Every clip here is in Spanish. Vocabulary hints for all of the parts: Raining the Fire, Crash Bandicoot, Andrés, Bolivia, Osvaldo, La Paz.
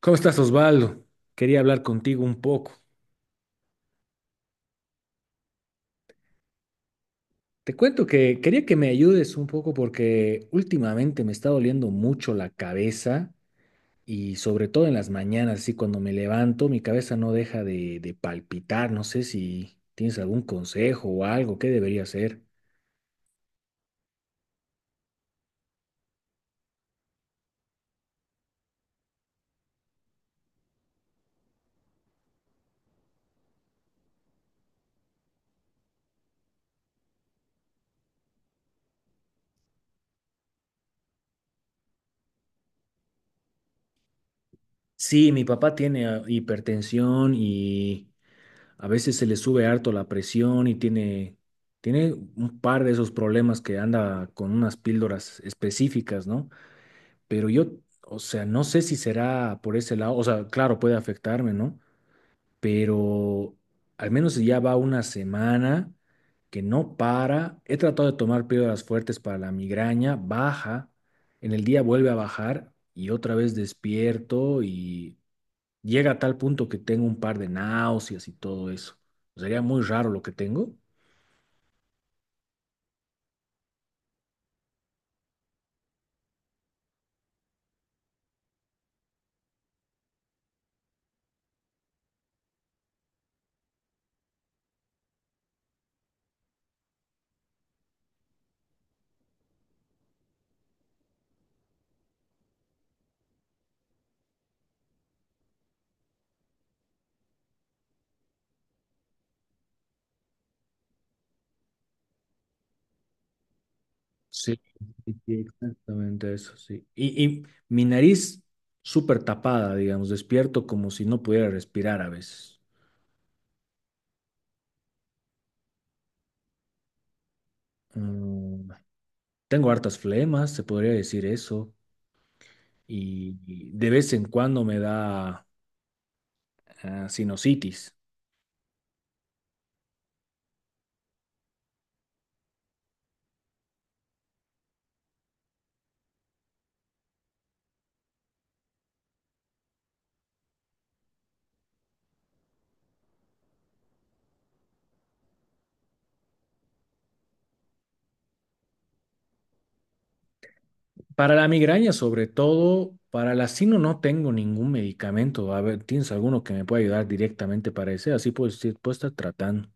¿Cómo estás, Osvaldo? Quería hablar contigo un poco. Te cuento que quería que me ayudes un poco porque últimamente me está doliendo mucho la cabeza y sobre todo en las mañanas, así cuando me levanto, mi cabeza no deja de palpitar. No sé si tienes algún consejo o algo, ¿qué debería hacer? Sí, mi papá tiene hipertensión y a veces se le sube harto la presión y tiene, tiene un par de esos problemas que anda con unas píldoras específicas, ¿no? Pero yo, o sea, no sé si será por ese lado, o sea, claro, puede afectarme, ¿no? Pero al menos si ya va una semana que no para. He tratado de tomar píldoras fuertes para la migraña, baja, en el día vuelve a bajar y otra vez despierto y llega a tal punto que tengo un par de náuseas y todo eso. Sería muy raro lo que tengo. Sí, sí, sí, exactamente eso, sí. Y mi nariz súper tapada, digamos, despierto como si no pudiera respirar a veces. Mm, tengo hartas flemas, se podría decir eso, y de vez en cuando me da sinusitis. Para la migraña, sobre todo, para la sino no tengo ningún medicamento. A ver, ¿tienes alguno que me pueda ayudar directamente para ese? Así puedo, puedo estar tratando.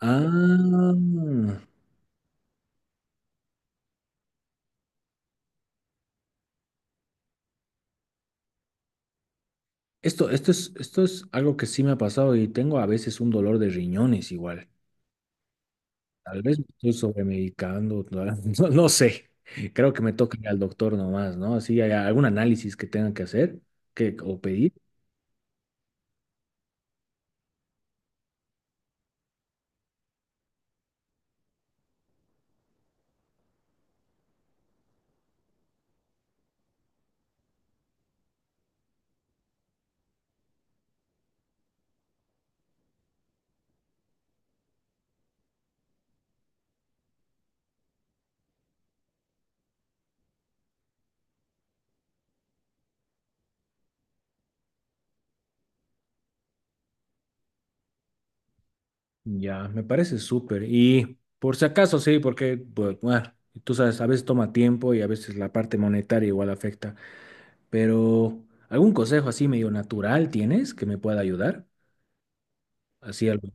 Ah. Esto es algo que sí me ha pasado y tengo a veces un dolor de riñones igual. Tal vez me estoy sobremedicando, no, no sé. Creo que me toca ir al doctor nomás, ¿no? Así hay algún análisis que tengan que hacer que, o pedir. Ya, me parece súper. Y por si acaso, sí, porque, pues, bueno, tú sabes, a veces toma tiempo y a veces la parte monetaria igual afecta. Pero, ¿algún consejo así medio natural tienes que me pueda ayudar? Así algo.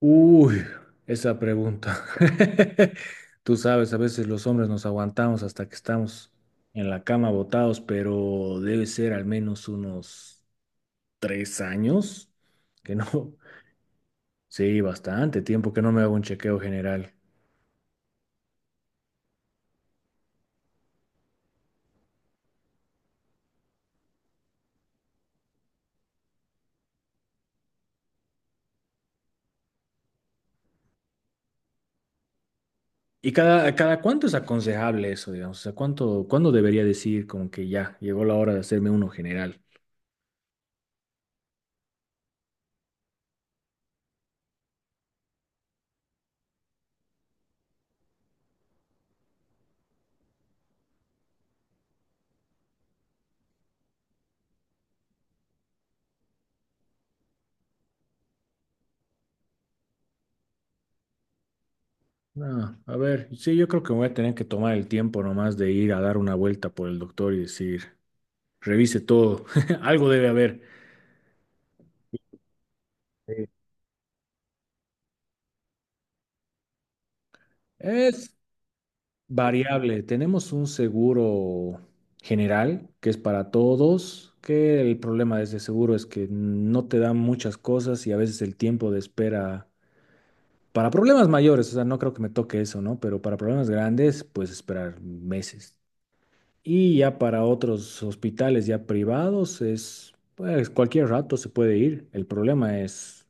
Uy, esa pregunta. Tú sabes, a veces los hombres nos aguantamos hasta que estamos en la cama botados, pero debe ser al menos unos 3 años que no. Sí, bastante tiempo que no me hago un chequeo general. ¿Y cada cuánto es aconsejable eso, digamos? O sea, ¿cuándo debería decir como que ya llegó la hora de hacerme uno general? No, a ver, sí, yo creo que voy a tener que tomar el tiempo nomás de ir a dar una vuelta por el doctor y decir. Revise todo. Algo debe haber. Sí. Es variable. Tenemos un seguro general que es para todos, que el problema de ese seguro es que no te dan muchas cosas y a veces el tiempo de espera para problemas mayores, o sea, no creo que me toque eso, ¿no? Pero para problemas grandes, pues esperar meses. Y ya para otros hospitales ya privados es, pues cualquier rato se puede ir. El problema es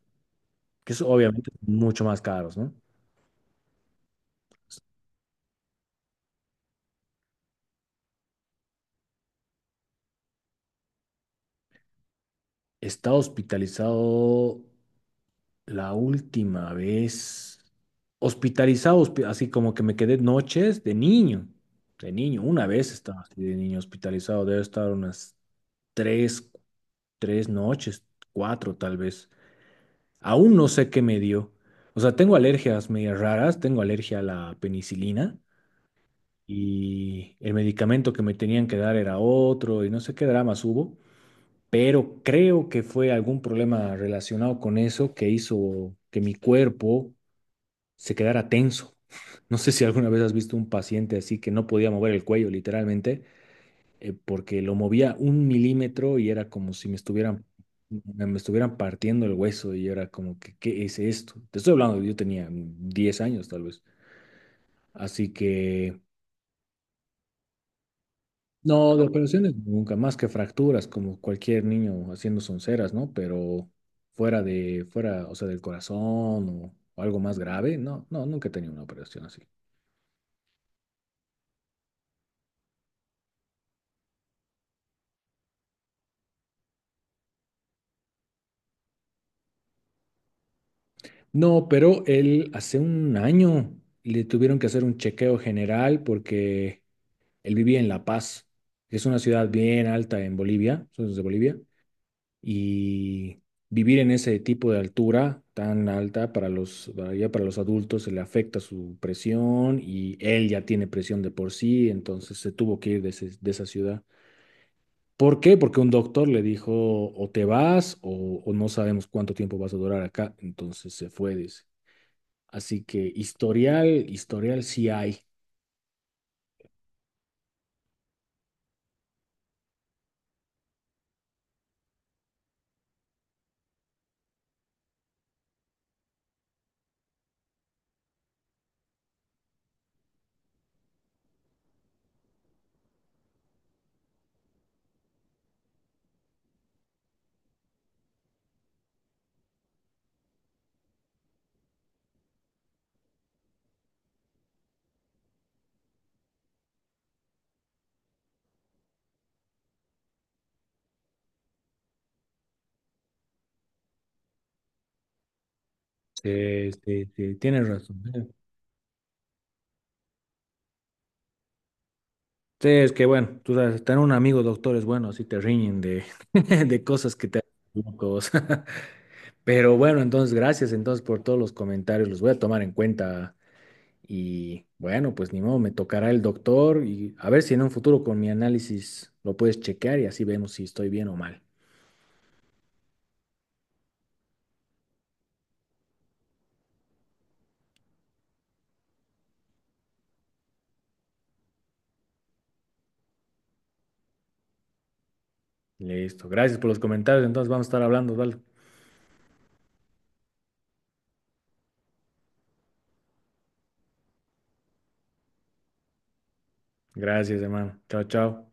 que es obviamente mucho más caros, ¿no? Está hospitalizado la última vez. Hospitalizado, así como que me quedé noches de niño. De niño, una vez estaba así de niño hospitalizado. Debe estar unas tres, 3 noches, cuatro tal vez. Aún no sé qué me dio. O sea, tengo alergias medias raras. Tengo alergia a la penicilina y el medicamento que me tenían que dar era otro y no sé qué dramas hubo pero creo que fue algún problema relacionado con eso que hizo que mi cuerpo se quedara tenso. No sé si alguna vez has visto un paciente así que no podía mover el cuello literalmente, porque lo movía un milímetro y era como si me estuvieran, me estuvieran partiendo el hueso y era como que, ¿qué es esto? Te estoy hablando, yo tenía 10 años tal vez. Así que no, de operaciones nunca, más que fracturas, como cualquier niño haciendo sonceras, ¿no? Pero fuera, o sea, del corazón o algo más grave, no, no, nunca he tenido una operación así. No, pero él hace un año le tuvieron que hacer un chequeo general porque él vivía en La Paz, que es una ciudad bien alta en Bolivia, soy de Bolivia, y vivir en ese tipo de altura tan alta para los, para ya para los adultos se le afecta su presión y él ya tiene presión de por sí, entonces se tuvo que ir de, de esa ciudad. ¿Por qué? Porque un doctor le dijo o te vas o no sabemos cuánto tiempo vas a durar acá, entonces se fue, dice. Así que historial, historial sí hay. Sí, sí, sí, tienes razón. Sí, es que bueno, tú sabes, tener un amigo doctor es bueno, así te riñen de, de cosas que te hacen locos. Pero bueno, entonces gracias entonces por todos los comentarios, los voy a tomar en cuenta y bueno, pues ni modo, me tocará el doctor y a ver si en un futuro con mi análisis lo puedes chequear y así vemos si estoy bien o mal. Listo, gracias por los comentarios, entonces vamos a estar hablando, ¿vale? Gracias, hermano. Chao, chao.